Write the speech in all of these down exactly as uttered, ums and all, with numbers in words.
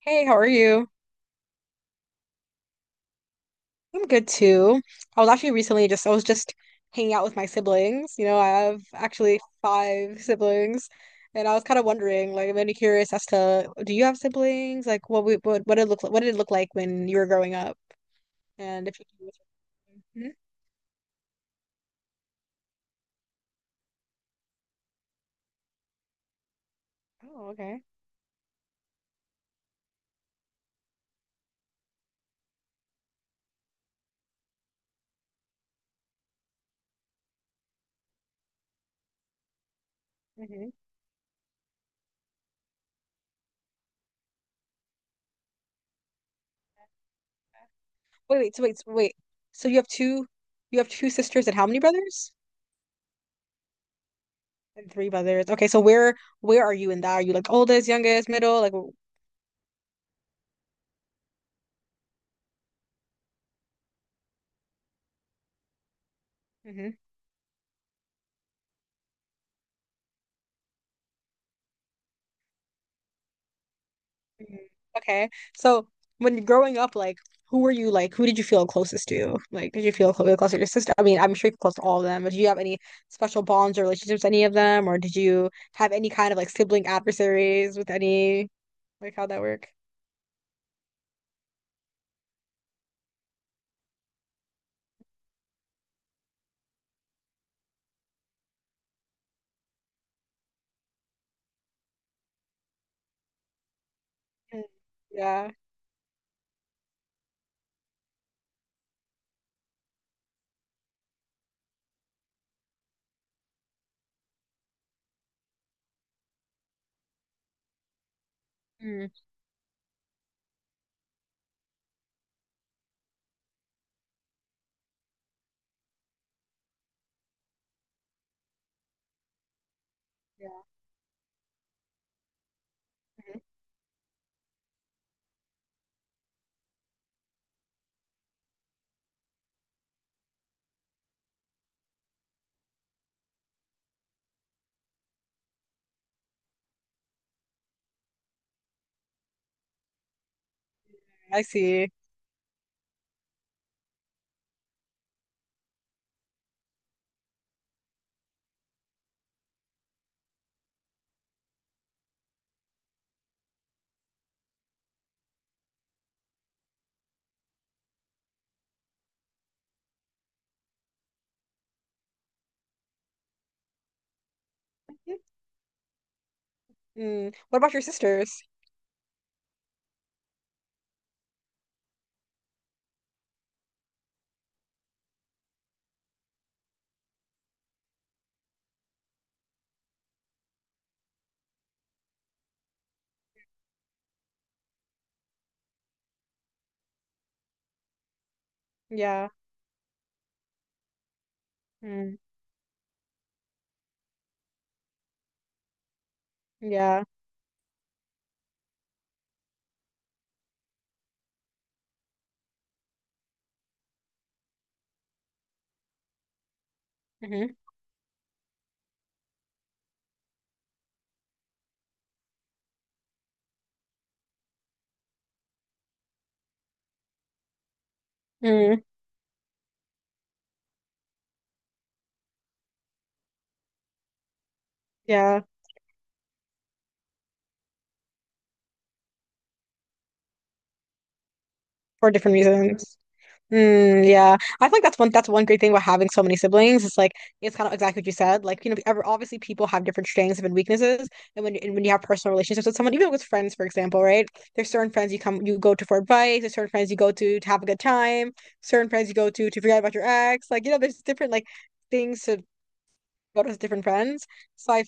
Hey, how are you? I'm good too. I was actually recently just I was just hanging out with my siblings. You know, I have actually five siblings, and I was kind of wondering, like, I'm really curious as to do you have siblings? Like, what we what what it look like, what did it look like when you were growing up, and if you. Can. Mhm. Oh, okay. Hmm. Wait, wait, so wait, so wait. So you have two, you have two sisters and how many brothers? And three brothers. Okay, so where where are you in that? Are you like oldest, youngest, middle? Like, mm, okay. So when growing up, like who were you like who did you feel closest to? Like did you feel clo- close to your sister? I mean, I'm sure you're close to all of them, but do you have any special bonds or relationships with any of them? Or did you have any kind of like sibling adversaries with any, like, how'd that work? Mm, yeah. Mm, yeah. Mhm. I see. Mm. What about your sisters? Yeah. Mm. Yeah. Hmm. Mm. Yeah. For different reasons. Mm, yeah, I think that's one that's one great thing about having so many siblings. It's like it's kind of exactly what you said. Like, you know, ever, obviously people have different strengths and weaknesses, and when and when you have personal relationships with someone, even with friends, for example, right? There's certain friends you come you go to for advice. There's certain friends you go to to have a good time. Certain friends you go to to forget about your ex. Like, you know, there's different like things to go to with different friends. So I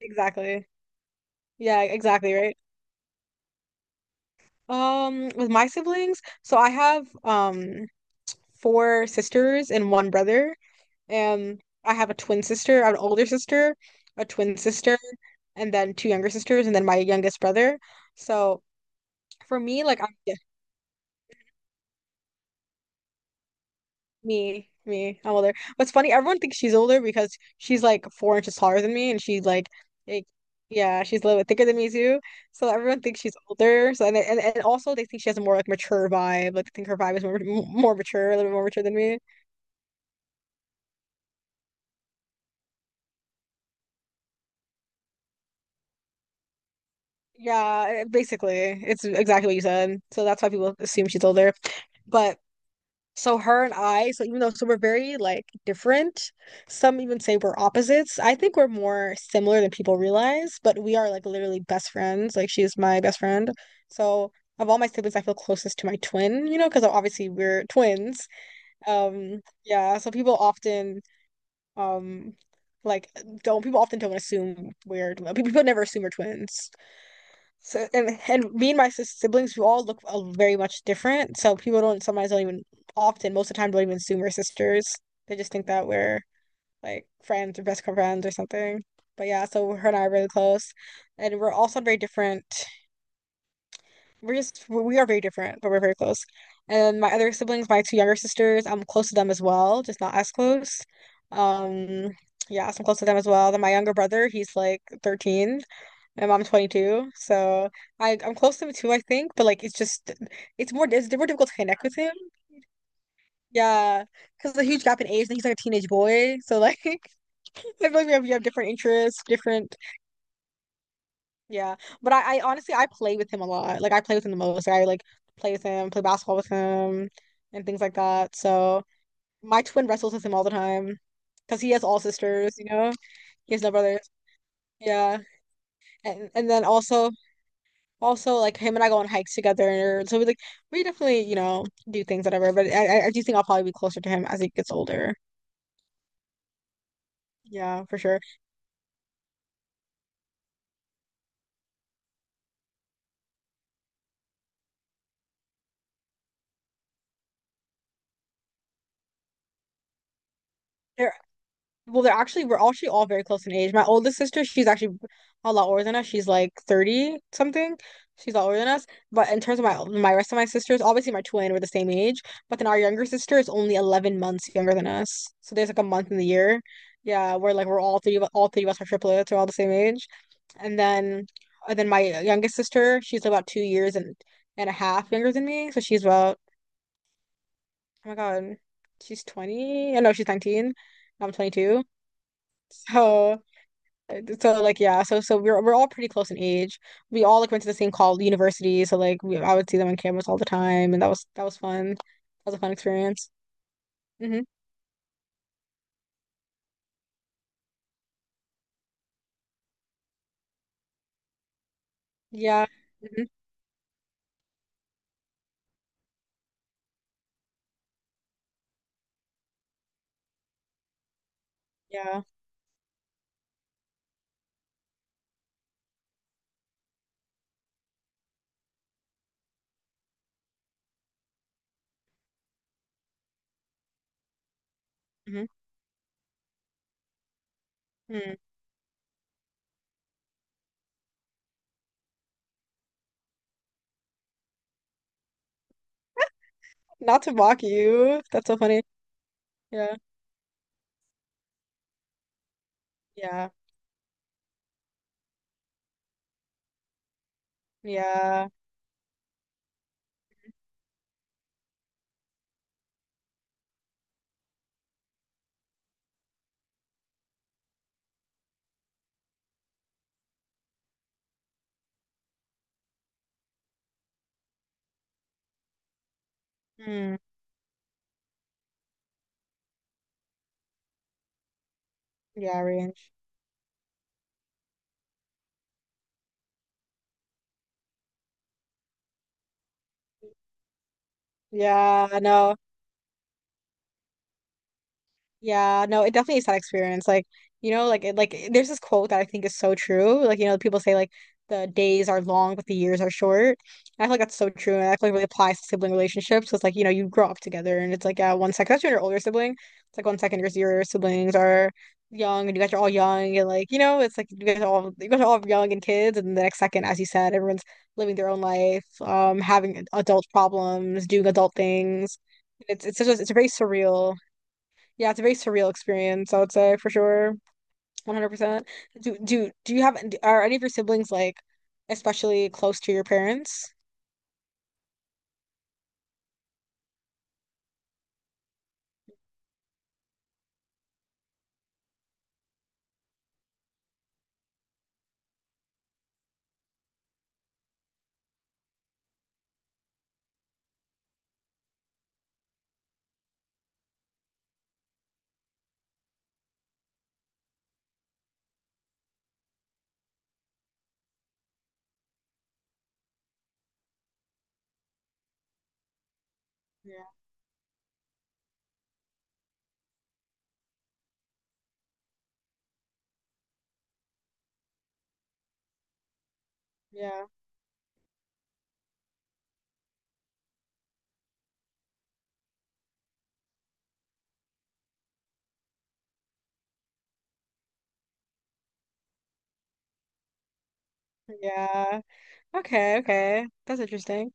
exactly yeah, exactly, right. Um, with my siblings, so I have um four sisters and one brother. Um, I have a twin sister, I have an older sister, a twin sister, and then two younger sisters, and then my youngest brother. So for me, like I'm yeah, me, me, I'm older. What's funny, everyone thinks she's older because she's like four inches taller than me, and she's like, like yeah, she's a little bit thicker than me too. So everyone thinks she's older. So and and, and also they think she has a more like mature vibe. Like they think her vibe is more more mature, a little bit more mature than me. Yeah, basically, it's exactly what you said. So that's why people assume she's older. But so her and I, so even though so we're very like different, some even say we're opposites. I think we're more similar than people realize, but we are like literally best friends. Like she's my best friend. So of all my siblings, I feel closest to my twin, you know, because obviously we're twins. Um, yeah, so people often um like don't people often don't assume we're people never assume we're twins. So and and me and my sis- siblings, we all look uh, very much different. So people don't sometimes don't even often most of the time don't even assume we're sisters. They just think that we're like friends or best friends or something. But yeah, so her and I are really close, and we're also on very different, we're just we we are very different, but we're very close. And my other siblings, my two younger sisters, I'm close to them as well, just not as close. Um, yeah, so I'm close to them as well. Then my younger brother, he's like thirteen, and I'm twenty-two, so I I'm close to him too, I think. But like, it's just it's more it's more difficult to connect with him. Yeah, because there's a huge gap in age, and he's like a teenage boy, so like I feel like we have, we have different interests, different, yeah, but I, I honestly I play with him a lot. Like I play with him the most. Like, I like play with him, play basketball with him, and things like that. So my twin wrestles with him all the time because he has all sisters. You know, he has no brothers. Yeah, and and then also also like him and I go on hikes together. So we like we definitely, you know, do things whatever. But I I I do think I'll probably be closer to him as he gets older. Yeah, for sure. There Well, they're actually we're actually all very close in age. My oldest sister, she's actually a lot older than us. She's like thirty something. She's a lot older than us. But in terms of my, my rest of my sisters, obviously my twin were the same age, but then our younger sister is only eleven months younger than us. So there's like a month in the year. Yeah, where like we're all three of all three of us are triplets, we're all the same age. And then and then my youngest sister, she's about two years and and a half younger than me. So she's about, oh my God, she's twenty. I know she's nineteen. I'm twenty-two. So uh, So like yeah, so so we're we're all pretty close in age. We all like went to the same college university, so like we, I would see them on campus all the time, and that was that was fun. That was a fun experience. Hmm. Yeah. Hmm. Yeah. Hmm. Mm. Not to mock you. That's so funny. Yeah. Yeah. Yeah. Mm. Yeah. Range. Yeah. No. Yeah, no, it definitely is that experience. Like, you know, like it, like eh, there's this quote that I think is so true. Like, you know, people say like the days are long, but the years are short. And I feel like that's so true, and I feel like it really applies to sibling relationships. 'Cause, like, you know, you grow up together, and it's like yeah, one second, especially when you're an older sibling, it's like one second your your siblings are young, and you guys are all young, and like you know, it's like you guys are all you guys are all young and kids, and the next second, as you said, everyone's living their own life, um, having adult problems, doing adult things. It's it's just it's a very surreal. Yeah, it's a very surreal experience, I would say for sure. one hundred percent. Do do do you have do- are any of your siblings like especially close to your parents? Yeah, yeah, yeah. Okay, okay. That's interesting.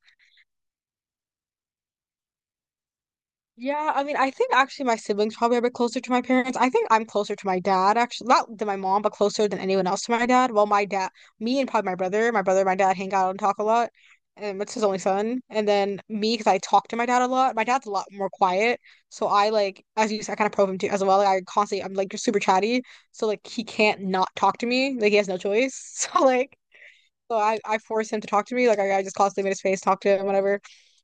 Yeah, I mean, I think actually my siblings probably are a bit closer to my parents. I think I'm closer to my dad, actually, not than my mom, but closer than anyone else to my dad. Well, my dad, me and probably my brother, my brother and my dad hang out and talk a lot. And it's his only son. And then me, because I talk to my dad a lot. My dad's a lot more quiet. So I like, as you said, I kind of probe him too as well. Like, I constantly, I'm like, you're super chatty. So like, he can't not talk to me. Like, he has no choice. So like, so I I force him to talk to me. Like I, I just constantly made his face talk to him, whatever.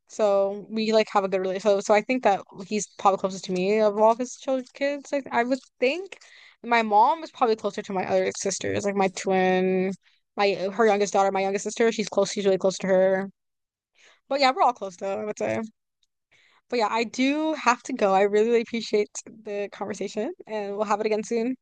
So we like have a good relationship. So, so I think that he's probably closest to me of all of his children, kids. I, I would think my mom is probably closer to my other sisters, like my twin, my her youngest daughter, my youngest sister. She's close. She's really close to her. But yeah, we're all close though, I would say. But yeah, I do have to go. I really appreciate the conversation, and we'll have it again soon.